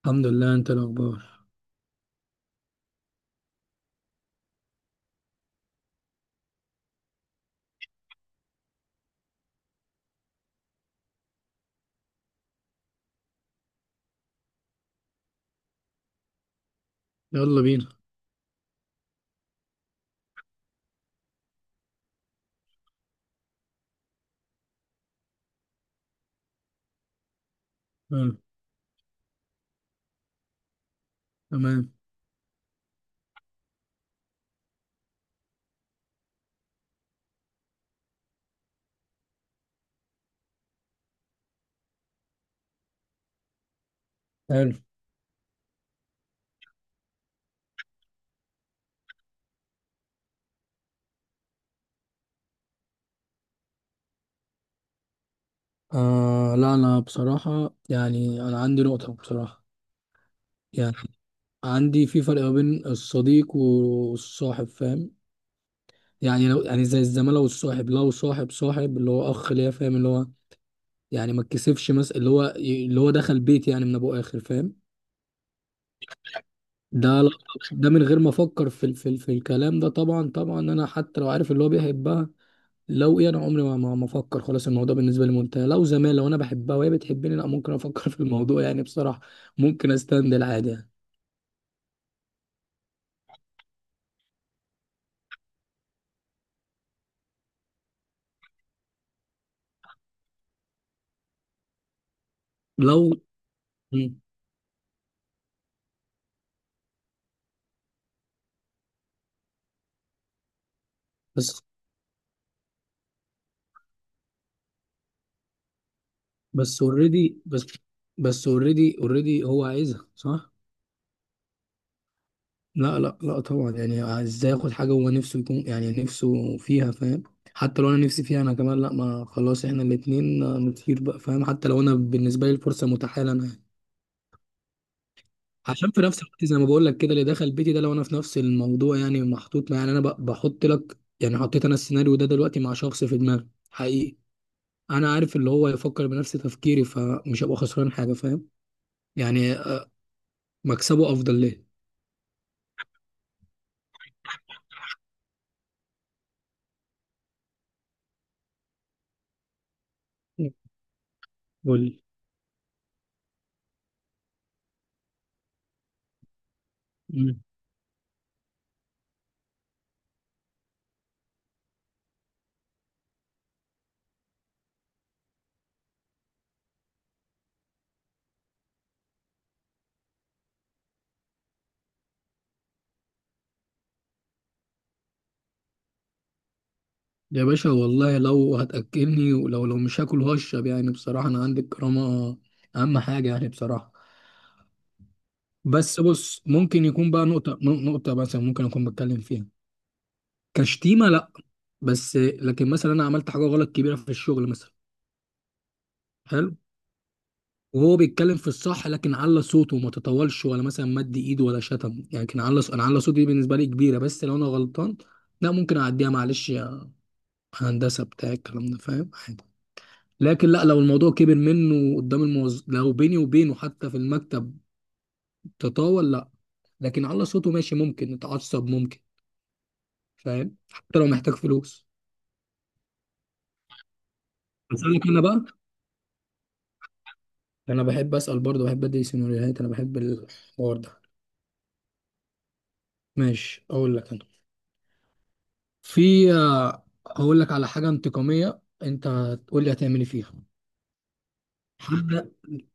الحمد لله، انت الاخبار؟ يلا بينا. حلو. تمام. حلو. آه لا، انا بصراحة انا عندي نقطة بصراحة. يعني عندي في فرق ما بين الصديق والصاحب، فاهم؟ يعني لو يعني زي الزمالة، والصاحب لو صاحب اللي هو اخ ليا، فاهم؟ اللي هو يعني ما اتكسفش مثلا، اللي هو اللي هو دخل بيتي يعني من ابو اخر، فاهم؟ ده لا- ده من غير ما افكر في الكلام ده. طبعا طبعا انا حتى لو عارف اللي هو بيحبها، لو ايه، انا عمري ما افكر. خلاص الموضوع بالنسبه لي منتهي. لو زمان لو انا بحبها وهي بتحبني، لا ممكن افكر في الموضوع يعني بصراحه. ممكن استند العادي يعني. لو مم. بس. بس اوريدي بس اوريدي هو عايزها، صح؟ لا لا لا طبعا، يعني ازاي اخد حاجه هو نفسه يكون يعني نفسه فيها، فاهم؟ حتى لو انا نفسي فيها انا كمان، لا ما خلاص احنا الاتنين نطير بقى، فاهم؟ حتى لو انا بالنسبه لي الفرصه متاحه لنا. عشان في نفس الوقت زي ما بقول لك كده، اللي دخل بيتي ده لو انا في نفس الموضوع يعني محطوط يعني بحط لك، يعني حطيت انا السيناريو ده دلوقتي مع شخص في دماغي حقيقي. انا عارف اللي هو يفكر بنفس تفكيري، فمش هبقى خسران حاجه، فاهم؟ يعني مكسبه افضل ليه. قول لي. مم. يا باشا، والله لو هتاكلني ولو مش هاكل هشرب. يعني بصراحه انا عندي الكرامه اهم حاجه، يعني بصراحه. بس بص، ممكن يكون بقى نقطه مثلا ممكن اكون بتكلم فيها كشتيمه، لا. بس لكن مثلا انا عملت حاجه غلط كبيره في الشغل مثلا. حلو. وهو بيتكلم في الصح لكن على صوته، وما تطولش ولا مثلا مد ايده ولا شتم. يعني كان على انا على صوتي، دي بالنسبه لي كبيره بس لو انا غلطان، لا ممكن اعديها. معلش يا هندسه بتاع الكلام ده، فاهم؟ عادي. لكن لا، لو الموضوع كبر منه قدام الموظف، لو بيني وبينه حتى في المكتب تطاول، لا. لكن على صوته ماشي، ممكن نتعصب ممكن. فاهم؟ حتى لو محتاج فلوس. بس انا كده بقى. انا بحب اسال برضه، بحب ادي سيناريوهات، انا بحب الحوار ده. ماشي، اقول لك انا. في هقول لك على حاجه انتقاميه، انت تقول لي هتعملي فيها. حد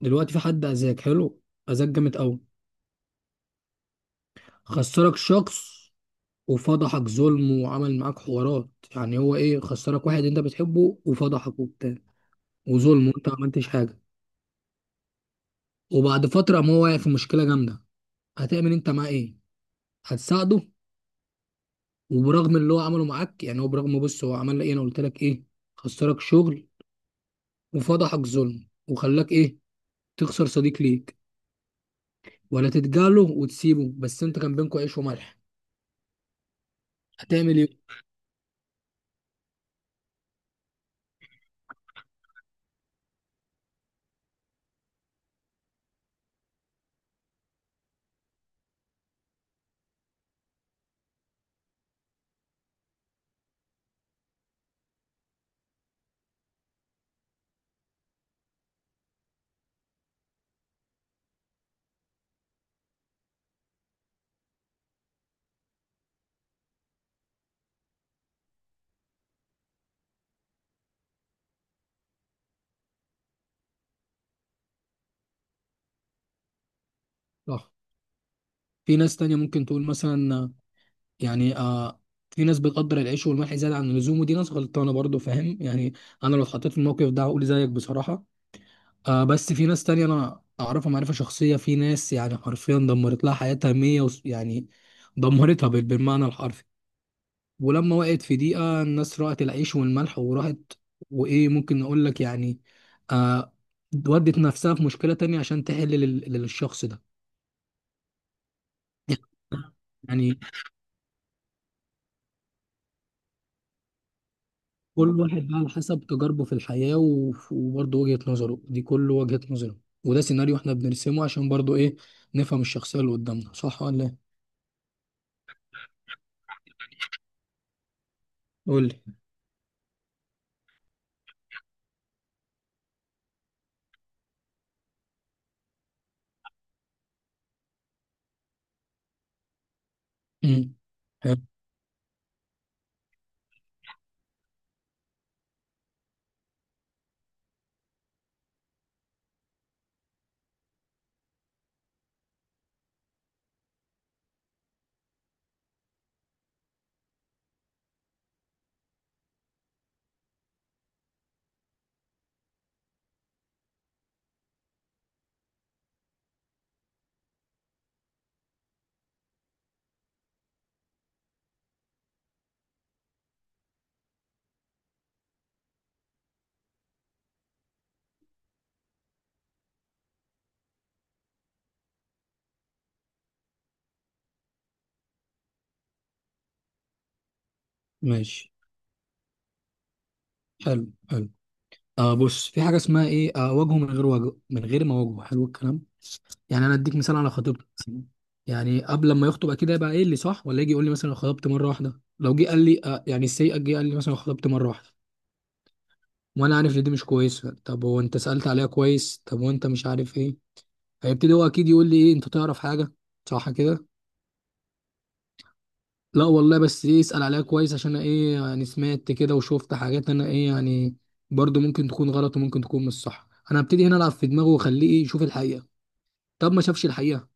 دلوقتي في حد اذاك حلو، اذاك جامد قوي، خسرك شخص وفضحك ظلم وعمل معاك حوارات. يعني هو ايه؟ خسرك واحد انت بتحبه وفضحك وبتاع وظلم وانت ما عملتش حاجه. وبعد فتره، ما هو واقع في مشكله جامده، هتعمل انت معاه ايه؟ هتساعده وبرغم اللي هو عمله معاك؟ يعني هو برغم، بص هو عمل لك ايه، انا قلت لك ايه؟ خسرك شغل وفضحك ظلم وخلاك ايه؟ تخسر صديق ليك. ولا تتجاهله وتسيبه؟ بس انت كان بينكوا عيش وملح. هتعمل ايه؟ صح. في ناس تانية ممكن تقول مثلا يعني آه في ناس بتقدر العيش والملح زيادة عن اللزوم، ودي ناس غلطانة برضو، فاهم يعني؟ انا لو اتحطيت في الموقف ده هقول زيك بصراحة. آه بس في ناس تانية انا اعرفها معرفة شخصية، في ناس يعني حرفيا دمرت لها حياتها 100، يعني دمرتها بالمعنى الحرفي. ولما وقعت في دقيقة، الناس رأت العيش والملح وراحت. وإيه ممكن نقول لك يعني؟ آه. ودت نفسها في مشكلة تانية عشان تحل للشخص ده. يعني كل واحد بقى على حسب تجاربه في الحياة وبرضه وجهة نظره، دي كل وجهة نظره. وده سيناريو احنا بنرسمه عشان برضه ايه، نفهم الشخصية اللي قدامنا، صح ولا ايه؟ قول لي. امم. حلو. ماشي. حلو حلو. آه بص، في حاجة اسمها ايه، آه وجهه، من غير وجه، من غير ما وجهه حلو الكلام. يعني انا اديك مثال على خطيبتي مثلا. يعني قبل ما يخطب اكيد هيبقى قايل لي، صح ولا يجي يقول لي مثلا أنا خطبت مره واحده، لو جه قال لي يعني السيئه، جه قال لي مثلا أنا خطبت مره واحده وانا عارف ان دي مش كويسه. طب هو انت سالت عليها كويس؟ طب وانت مش عارف ايه؟ هيبتدي هو اكيد يقول لي، ايه انت تعرف حاجه؟ صح كده؟ لا والله، بس ايه، اسال عليها كويس عشان أنا ايه يعني، سمعت كده وشفت حاجات انا ايه يعني، برضو ممكن تكون غلط وممكن تكون مش صح. انا هبتدي هنا العب في دماغه واخليه إيه، يشوف الحقيقه. طب ما شافش الحقيقه،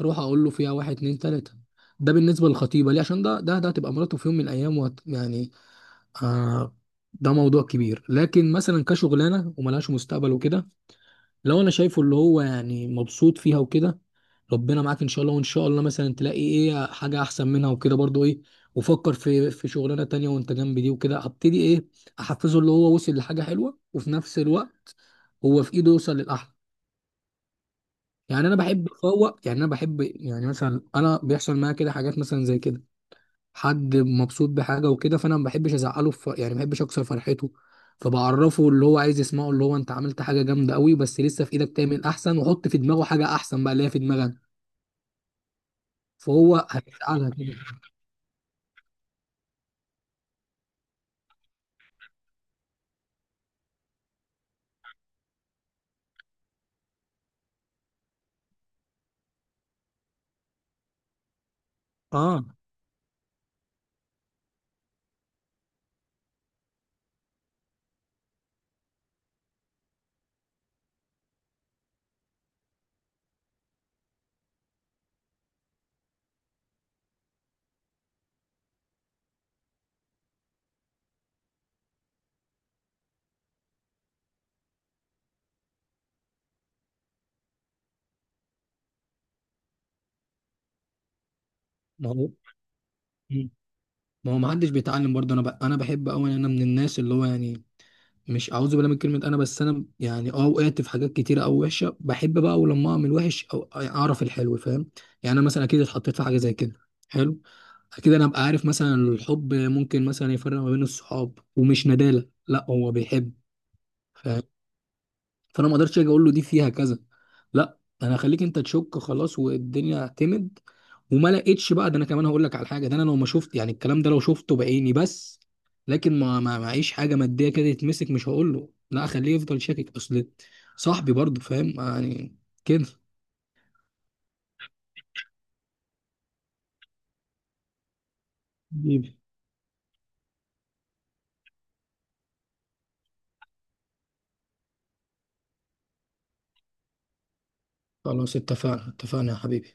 اروح اقول له فيها واحد اتنين تلاته. ده بالنسبه للخطيبه ليه، عشان ده ده هتبقى مراته في يوم من الايام وهت يعني آه، ده موضوع كبير. لكن مثلا كشغلانه وملهاش مستقبل وكده، لو انا شايفه اللي هو يعني مبسوط فيها وكده، ربنا معاك ان شاء الله، وان شاء الله مثلا تلاقي ايه حاجه احسن منها وكده برضو ايه. وفكر في شغلانه تانية وانت جنب دي وكده. هبتدي ايه، احفزه اللي هو وصل لحاجه حلوه وفي نفس الوقت هو في ايده يوصل للاحلى. يعني انا بحب افوق، يعني انا بحب يعني مثلا، انا بيحصل معايا كده حاجات مثلا زي كده، حد مبسوط بحاجه وكده، فانا ما بحبش ازعله في يعني، ما بحبش اكسر فرحته. فبعرفه اللي هو عايز يسمعه، اللي هو انت عملت حاجه جامده قوي بس لسه في ايدك تعمل احسن، وحط في دماغه حاجه احسن بقى اللي هي في دماغك، فهو هيزعلها كده. اه. ما هو مم. ما هو ما حدش بيتعلم برضه. انا بحب قوي، انا من الناس اللي هو يعني، مش اعوذ بالله من كلمه انا، بس انا يعني اه وقعت في حاجات كتيره او وحشه، بحب بقى اول لما اعمل وحش او يعني اعرف الحلو، فاهم؟ يعني انا مثلا اكيد اتحطيت في حاجه زي كده. حلو. اكيد انا ابقى عارف مثلا الحب ممكن مثلا يفرق ما بين الصحاب، ومش ندالة، لا هو بيحب، فاهم؟ فانا ما اقدرش اجي اقول له دي فيها كذا، لا انا هخليك انت تشك خلاص. والدنيا اعتمد وما لقيتش بقى، ده انا كمان هقول لك على حاجه، ده انا لو ما شفت يعني الكلام ده، لو شفته بعيني بس، لكن ما ما معيش حاجه ماديه كده يتمسك، مش هقول له. لا اخليه يفضل شاكك، اصل صاحبي برضه، فاهم يعني كده. حبيبي. خلاص اتفقنا، اتفقنا يا حبيبي.